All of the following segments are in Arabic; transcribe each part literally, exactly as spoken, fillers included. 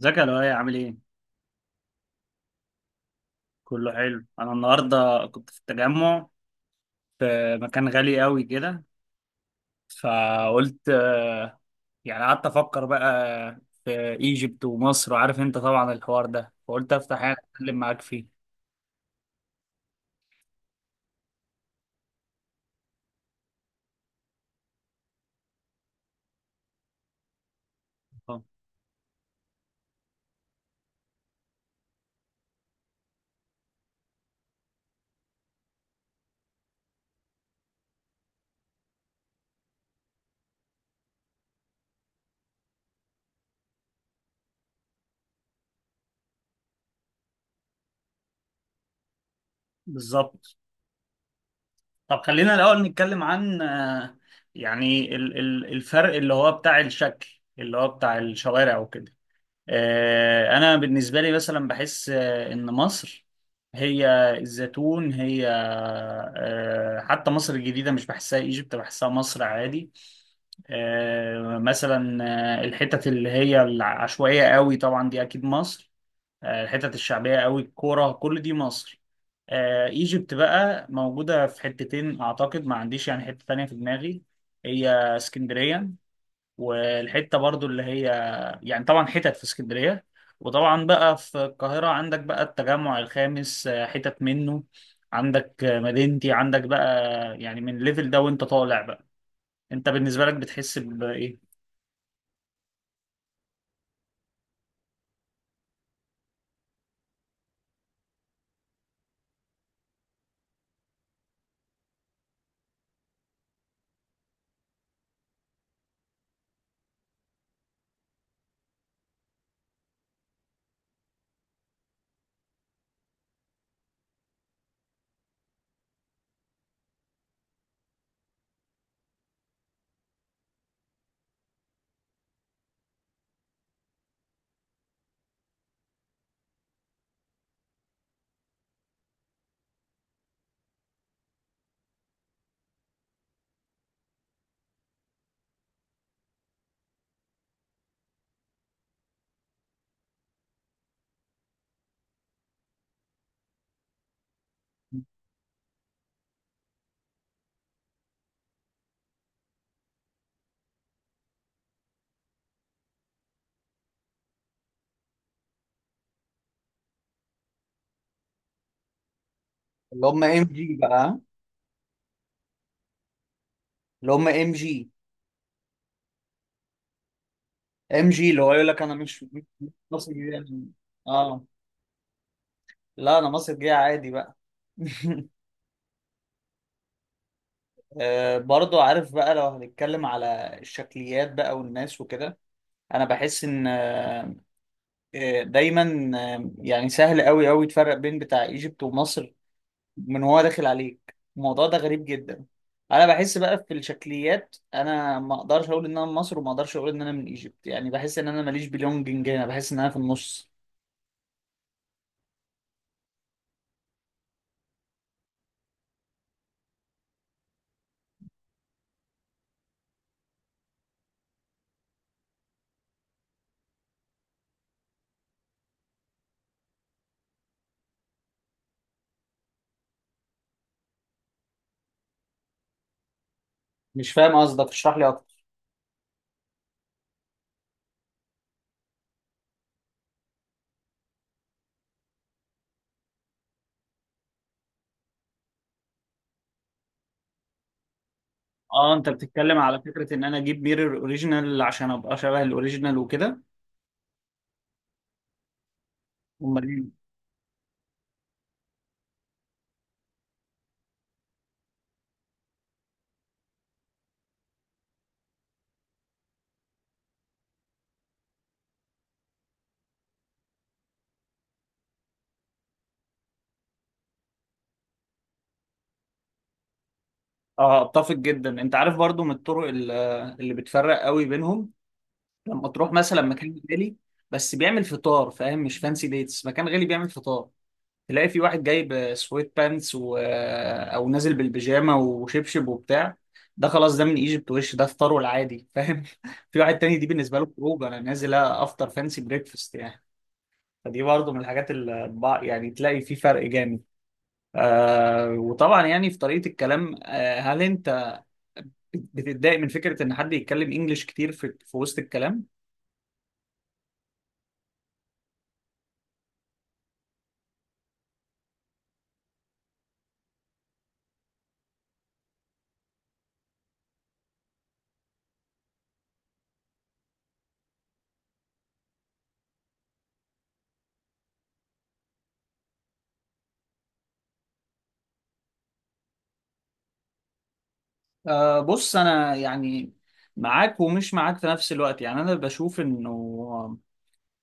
ازيك يا لؤي؟ عامل ايه؟ كله حلو. انا النهارده كنت في التجمع، في مكان غالي قوي كده. فقلت آه، يعني قعدت افكر بقى في ايجيبت ومصر، وعارف انت طبعا الحوار ده، فقلت افتح حاجه اتكلم معاك فيه. اه، بالظبط. طب خلينا الاول نتكلم عن آه، يعني ال- ال- الفرق اللي هو بتاع الشكل اللي هو بتاع الشوارع وكده. آه، انا بالنسبه لي مثلا بحس آه، ان مصر هي الزيتون، هي آه، حتى مصر الجديده، مش بحسها ايجيبت، بحسها مصر عادي. آه، مثلا آه، الحتت اللي هي العشوائيه قوي طبعا، دي اكيد مصر. آه، الحتت الشعبيه قوي، الكوره، كل دي مصر. آه، ايجيبت بقى موجوده في حتتين، اعتقد ما عنديش يعني حته تانية في دماغي. هي اسكندريه، والحته برضو اللي هي يعني طبعا حتت في اسكندريه، وطبعا بقى في القاهره عندك بقى التجمع الخامس، آه، حتت منه، عندك آه، مدينتي، عندك بقى يعني من الليفل ده وانت طالع بقى. انت بالنسبه لك بتحس بايه؟ اللي هم ام جي بقى. اللي هم ام جي. ام جي اللي هو يقول لك انا مش مش مصري يعني. اه. لا انا مصري جاي عادي بقى. آه برضو عارف بقى، لو هنتكلم على الشكليات بقى والناس وكده، انا بحس ان آه، دايما آه، يعني سهل قوي قوي تفرق بين بتاع ايجيبت ومصر من هو داخل عليك. الموضوع ده غريب جدا. انا بحس بقى في الشكليات، انا ما اقدرش اقول ان انا من مصر وما اقدرش اقول ان انا من ايجيبت، يعني بحس ان انا ماليش بلونجنج هنا، بحس ان انا في النص. مش فاهم قصدك، اشرح لي اكتر. اه، انت بتتكلم على فكرة ان انا اجيب ميرور اوريجينال عشان ابقى شبه الاوريجينال وكده؟ امال إيه؟ اه، اتفق جدا. انت عارف برضو من الطرق ال- اللي بتفرق قوي بينهم، لما تروح مثلا مكان غالي بس بيعمل فطار، فاهم؟ مش فانسي ديتس، مكان غالي بيعمل فطار. تلاقي في واحد جايب سويت بانتس و... آه، او نازل بالبيجامه وشبشب وبتاع. ده خلاص ده من ايجيبت، وش ده فطاره العادي، فاهم؟ في واحد تاني دي بالنسبه له خروج، انا نازل افطر فانسي بريكفاست يعني. فدي برضه من الحاجات اللي بع- يعني تلاقي في فرق جامد. آه وطبعا يعني في طريقه الكلام. آه هل انت بتتضايق من فكره ان حد يتكلم انجليش كتير في, في وسط الكلام؟ أه بص، أنا يعني معاك ومش معاك في نفس الوقت. يعني أنا بشوف إنه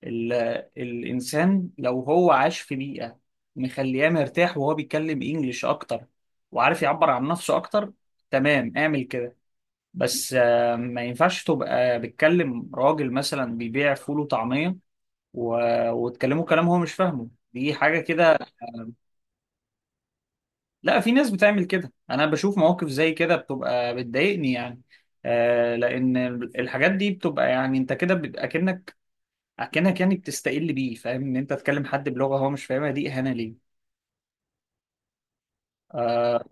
ال... الإنسان لو هو عاش في بيئة مخلياه مرتاح وهو بيتكلم إنجليش أكتر وعارف يعبر عن نفسه أكتر، تمام، اعمل كده. بس أه ما ينفعش تبقى بتكلم راجل مثلا بيبيع فول وطعمية و... وتكلمه كلام هو مش فاهمه. دي حاجة كده. لا في ناس بتعمل كده، انا بشوف مواقف زي كده بتبقى بتضايقني يعني. آه لان الحاجات دي بتبقى يعني انت كده بيبقى اكنك، اكنك يعني بتستقل بيه. فاهم ان انت تكلم حد بلغة هو مش فاهمها دي اهانة ليه. آه.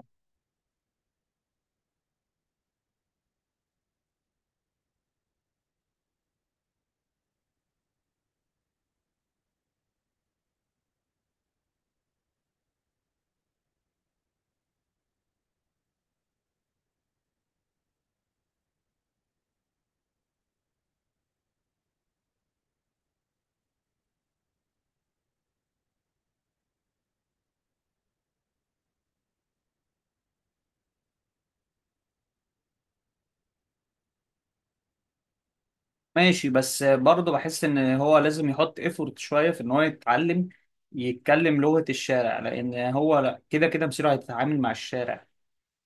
ماشي بس برضه بحس ان هو لازم يحط ايفورت شوية في ان هو يتعلم يتكلم لغة الشارع، لان هو لا كده كده مصيره هيتعامل مع الشارع.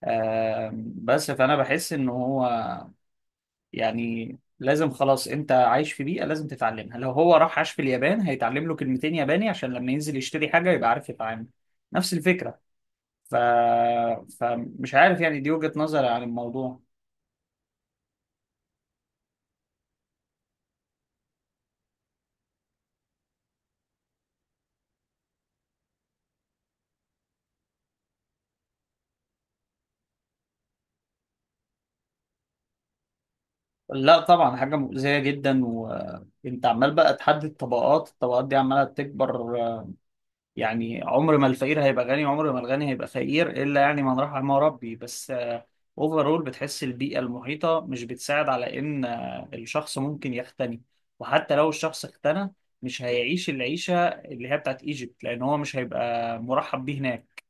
آه بس فانا بحس ان هو يعني لازم، خلاص انت عايش في بيئة لازم تتعلمها. لو هو راح عاش في اليابان هيتعلم له كلمتين ياباني عشان لما ينزل يشتري حاجة يبقى عارف يتعامل. نفس الفكرة. ف... فمش عارف، يعني دي وجهة نظري عن الموضوع. لا طبعا حاجة مؤذية جدا. وانت عمال بقى تحدد طبقات، الطبقات دي عمالة تكبر يعني. عمر ما الفقير هيبقى غني، عمر ما الغني هيبقى فقير، إلا يعني من رحم ربي بس. اوفرول بتحس البيئة المحيطة مش بتساعد على إن آه، الشخص ممكن يغتني. وحتى لو الشخص اغتنى مش هيعيش العيشة اللي هي بتاعت ايجيبت، لأن هو مش هيبقى مرحب بيه هناك.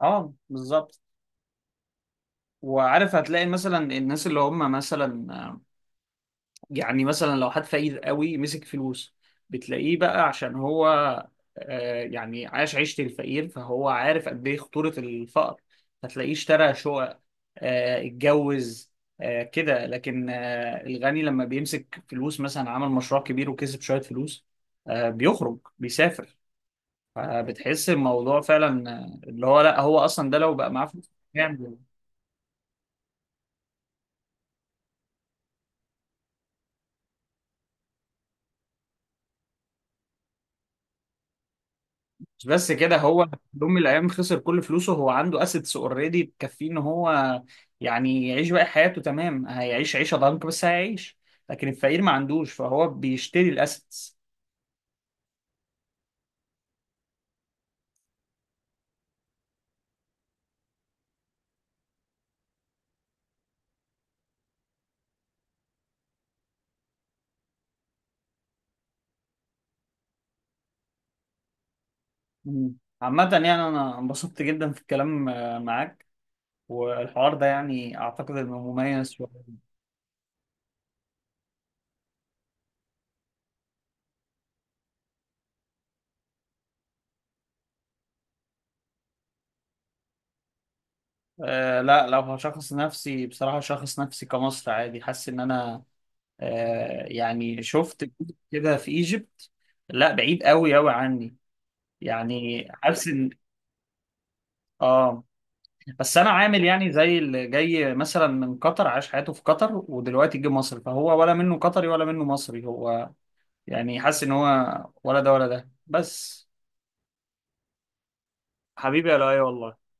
اه بالظبط. وعارف هتلاقي مثلا الناس اللي هم مثلا يعني مثلا لو حد فقير قوي مسك فلوس، بتلاقيه بقى عشان هو آه، يعني عاش عيشة الفقير فهو عارف قد ايه خطورة الفقر، فتلاقيه اشترى شقق، آه، اتجوز، آه، كده. لكن آه، الغني لما بيمسك فلوس مثلا عمل مشروع كبير وكسب شوية فلوس، آه، بيخرج، بيسافر. فبتحس الموضوع فعلا آه، اللي هو لا هو اصلا ده لو بقى معاه فلوس يعني. مش بس كده. هو في يوم من الايام خسر كل فلوسه، هو عنده اسيتس اوريدي تكفيه ان هو يعني يعيش باقي حياته. تمام، هيعيش عيشه ضنك بس هيعيش. لكن الفقير ما عندوش فهو بيشتري الاسيتس. مم. عامة يعني انا انبسطت جدا في الكلام آه، معاك، والحوار ده يعني اعتقد انه مميز شوية. أه لا، لو هشخص نفسي بصراحة شخص نفسي كمصر عادي. حاسس ان انا أه يعني شفت كده في ايجيبت، لا بعيد قوي قوي عني. يعني حاسس ان. اه بس انا عامل يعني زي اللي جاي مثلا من قطر عاش حياته في قطر ودلوقتي جه مصر، فهو ولا منه قطري ولا منه مصري. هو يعني حاسس ان هو ولا ده ولا ده بس. حبيبي يا لؤي والله.